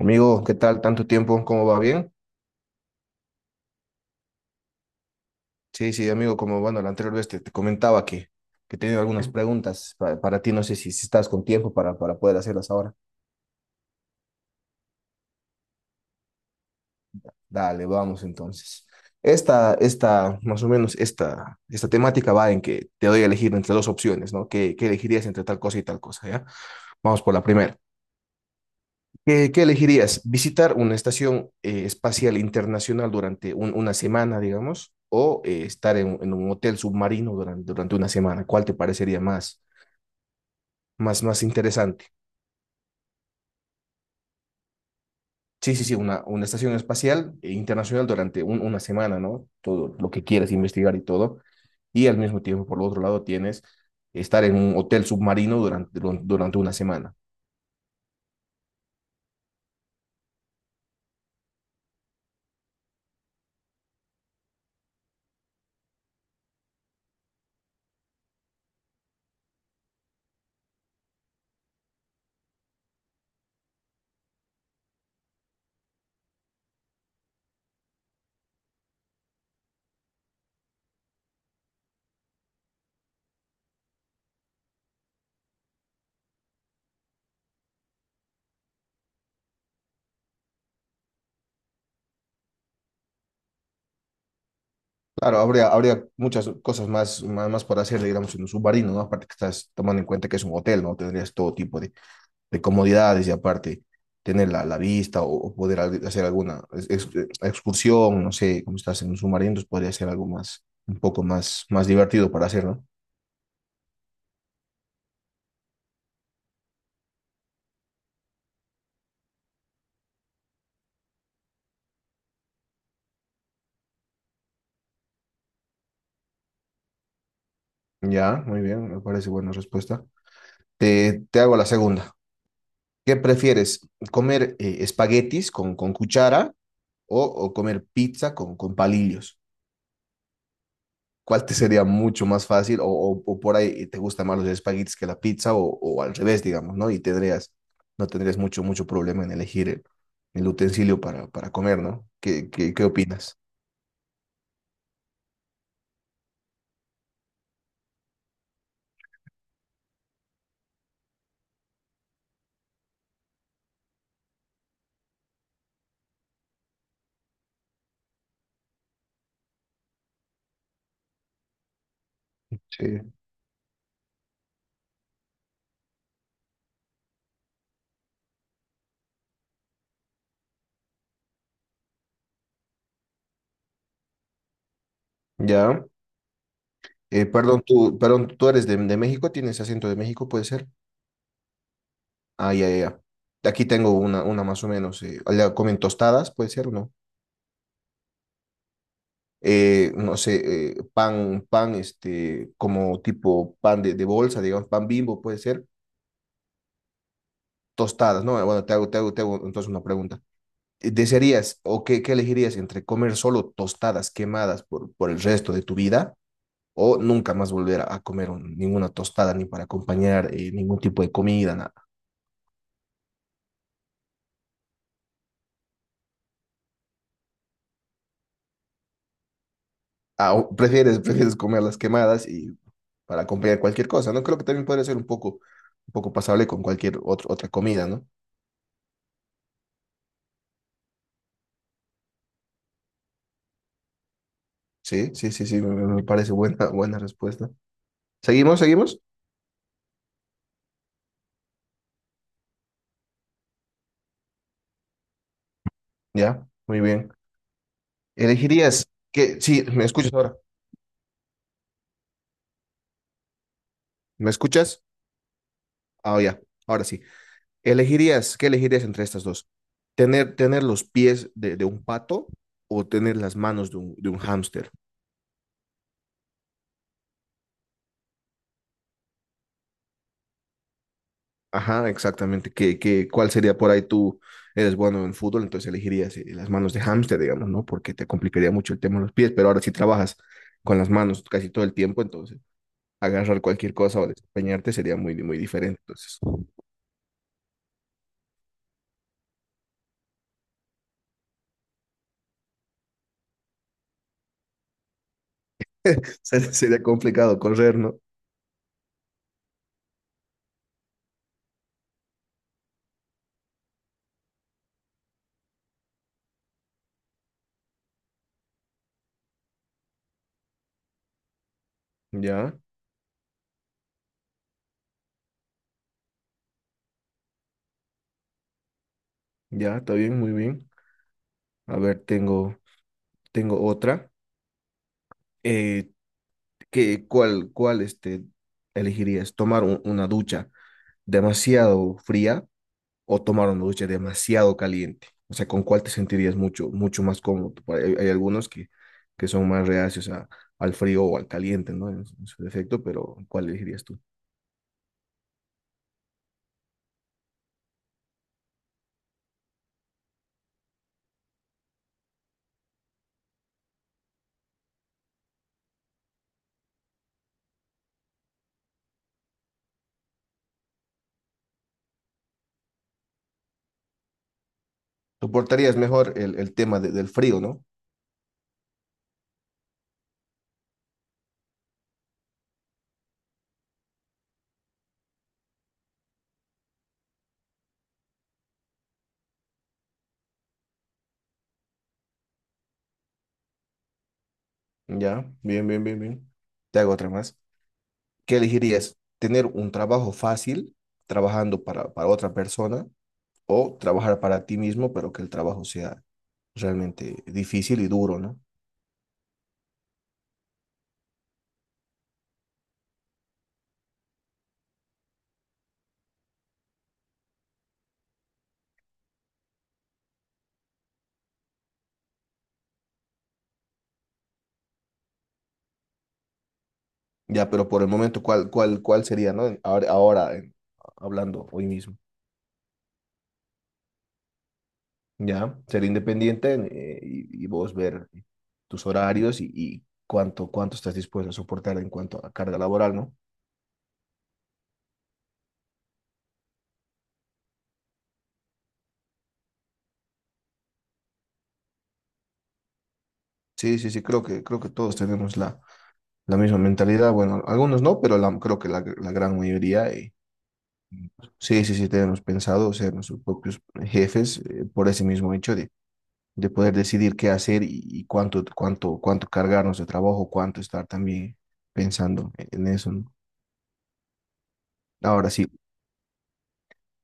Amigo, ¿qué tal? ¿Tanto tiempo? ¿Cómo va? ¿Bien? Sí, sí, amigo, como bueno, la anterior vez te comentaba que tenía algunas preguntas para, ti, no sé si estás con tiempo para poder hacerlas ahora. Dale, vamos entonces. Esta, más o menos, esta temática va en que te doy a elegir entre dos opciones, ¿no? ¿Qué elegirías entre tal cosa y tal cosa, ya? Vamos por la primera. ¿Qué elegirías? ¿Visitar una estación espacial internacional durante una semana, digamos, o estar en un hotel submarino durante una semana? ¿Cuál te parecería más interesante? Sí, sí, sí, una estación espacial internacional durante una semana, ¿no? Todo lo que quieres investigar y todo. Y al mismo tiempo, por el otro lado, tienes estar en un hotel submarino durante una semana. Claro, habría muchas cosas más por hacer, digamos, en un submarino, ¿no? Aparte que estás tomando en cuenta que es un hotel, ¿no? Tendrías todo tipo de comodidades y aparte tener la vista o poder hacer alguna excursión, no sé, como estás en un submarino, entonces podría ser algo más, un poco más divertido para hacer, ¿no? Ya, muy bien, me parece buena respuesta. Te hago la segunda. ¿Qué prefieres, comer espaguetis con cuchara o comer pizza con palillos? ¿Cuál te sería mucho más fácil o por ahí te gustan más los espaguetis que la pizza o al revés, digamos, ¿no? Y no tendrías mucho problema en elegir el utensilio para comer, ¿no? ¿Qué opinas? Sí. Ya. Perdón, tú eres de México, tienes acento de México, puede ser. Ah, ya, ya. Ya. Aquí tengo una más o menos. Allá comen tostadas, puede ser o no. No sé, pan, este, como tipo pan de bolsa, digamos, pan Bimbo, puede ser tostadas, ¿no? Bueno, te hago entonces una pregunta. ¿Qué elegirías entre comer solo tostadas quemadas por el resto de tu vida o nunca más volver a comer ninguna tostada ni para acompañar ningún tipo de comida, nada? Ah, o prefieres, prefieres comer las quemadas y para acompañar cualquier cosa, ¿no? Creo que también podría ser un poco pasable con cualquier otra comida, ¿no? Sí, sí, sí, sí, me parece buena, buena respuesta. ¿Seguimos, seguimos? Ya, muy bien. ¿Elegirías que, sí, me escuchas ahora? ¿Me escuchas? Ah, ya, ahora sí. ¿Qué elegirías entre estas dos? ¿Tener los pies de un pato o tener las manos de un hámster? Ajá, exactamente. ¿Cuál sería por ahí tú eres bueno en fútbol? Entonces elegirías las manos de hámster, digamos, ¿no? Porque te complicaría mucho el tema de los pies, pero ahora sí trabajas con las manos casi todo el tiempo, entonces agarrar cualquier cosa o desempeñarte sería muy, muy diferente. Entonces, sería complicado correr, ¿no? Ya, ya, está bien, muy bien. A ver, tengo otra. Eh, cuál elegirías? ¿Tomar una ducha demasiado fría o tomar una ducha demasiado caliente? O sea, ¿con cuál te sentirías mucho más cómodo? Por ahí hay algunos que son más reacios al frío o al caliente, ¿no? En su defecto, pero ¿cuál elegirías tú? Soportarías mejor el tema del frío, ¿no? Ya, bien, bien, bien, bien. Te hago otra más. ¿Qué elegirías? ¿Tener un trabajo fácil trabajando para otra persona? O trabajar para ti mismo, pero que el trabajo sea realmente difícil y duro, ¿no? Ya, pero por el momento, ¿cuál sería? ¿No? Ahora hablando hoy mismo, ¿ya? Ser independiente y vos ver tus horarios y cuánto estás dispuesto a soportar en cuanto a carga laboral, ¿no? Sí, sí, sí, creo que todos tenemos la misma mentalidad. Bueno, algunos no, pero creo que la gran mayoría. Sí, sí, sí, tenemos pensado ser nuestros propios jefes por ese mismo hecho de poder decidir qué hacer y cuánto cargarnos de trabajo, cuánto estar también pensando en eso, ¿no? Ahora sí,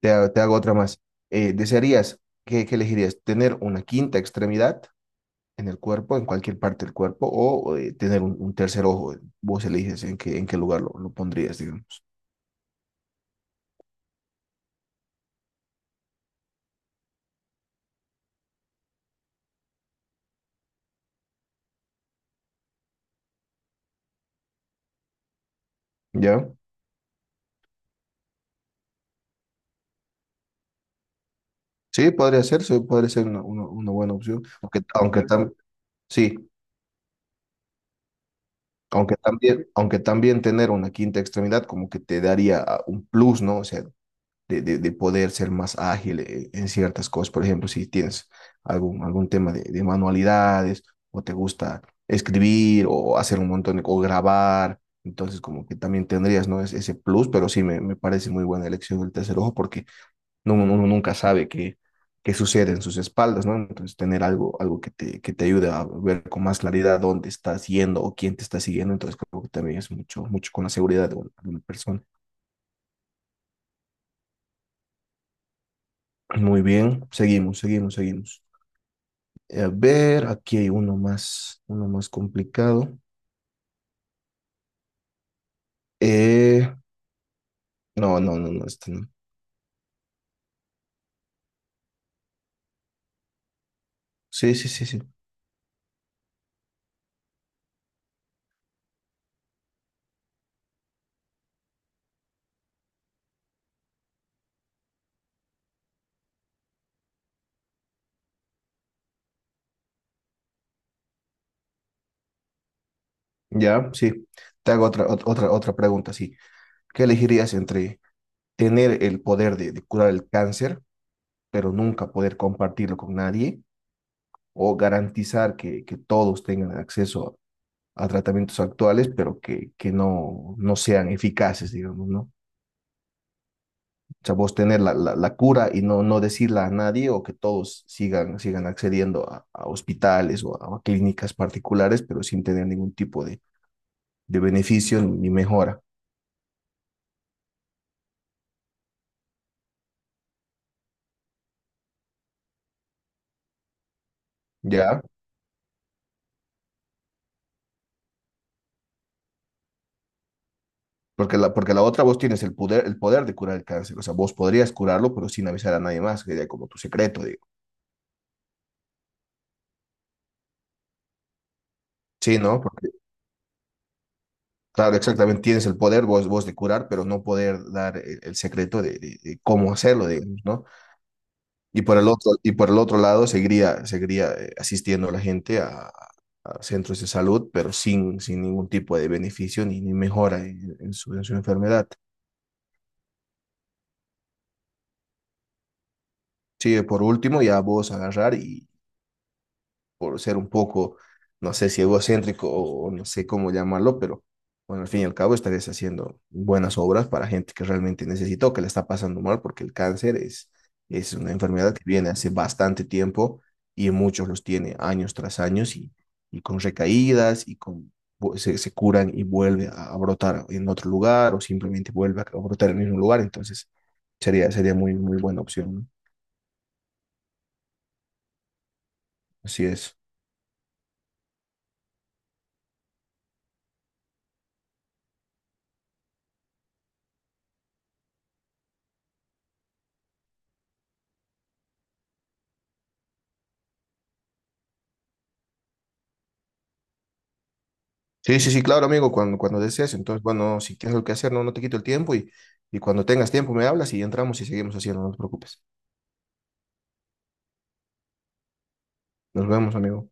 te hago otra más. Eh, ¿desearías, qué elegirías? ¿Tener una quinta extremidad en el cuerpo, en cualquier parte del cuerpo, o tener un tercer ojo? Vos eliges en qué lugar lo pondrías, digamos. ¿Ya? Sí, podría ser una buena opción, aunque sí. Aunque también tener una quinta extremidad como que te daría un plus, ¿no? O sea, de poder ser más ágil en ciertas cosas. Por ejemplo, si tienes algún tema de manualidades o te gusta escribir o hacer un montón o grabar, entonces como que también tendrías, ¿no? Ese plus, pero sí me parece muy buena elección del tercer ojo porque no, uno nunca sabe qué sucede en sus espaldas, ¿no? Entonces tener algo que te ayude a ver con más claridad dónde estás yendo o quién te está siguiendo, entonces creo que también es mucho con la seguridad de una persona. Muy bien, seguimos, seguimos, seguimos. A ver, aquí hay uno más complicado. Eh, no, no, no, no, este no. Sí, sí, sí, sí. Ya, sí. Te hago otra pregunta, sí. ¿Qué elegirías entre tener el poder de curar el cáncer, pero nunca poder compartirlo con nadie, o garantizar que todos tengan acceso a tratamientos actuales, pero que no sean eficaces, digamos, ¿no? O sea, vos tener la cura y no decirla a nadie o que todos sigan accediendo a hospitales o a clínicas particulares, pero sin tener ningún tipo de beneficio ni mejora, ¿ya? Porque la otra vos tienes el poder de curar el cáncer, o sea, vos podrías curarlo, pero sin avisar a nadie más, que sería como tu secreto, digo. Sí, ¿no? Porque, claro, exactamente, tienes el poder vos de curar, pero no poder dar el secreto de cómo hacerlo, digamos, ¿no? Y por el otro lado, seguiría asistiendo a la gente a centros de salud, pero sin ningún tipo de beneficio ni mejora en su enfermedad. Sí, por último, ya vos agarrar y, por ser un poco, no sé si egocéntrico o no sé cómo llamarlo, pero bueno, al fin y al cabo estarías haciendo buenas obras para gente que realmente necesita o que le está pasando mal, porque el cáncer es una enfermedad que viene hace bastante tiempo y muchos los tiene años tras años y con recaídas y con se curan y vuelve a brotar en otro lugar o simplemente vuelve a brotar en el mismo lugar, entonces sería muy, muy buena opción, ¿no? Así es. Sí, sí, sí, claro, amigo, cuando desees. Entonces, bueno, si tienes algo que hacer, no te quito el tiempo y cuando tengas tiempo me hablas y entramos y seguimos haciendo, no te preocupes. Nos vemos, amigo.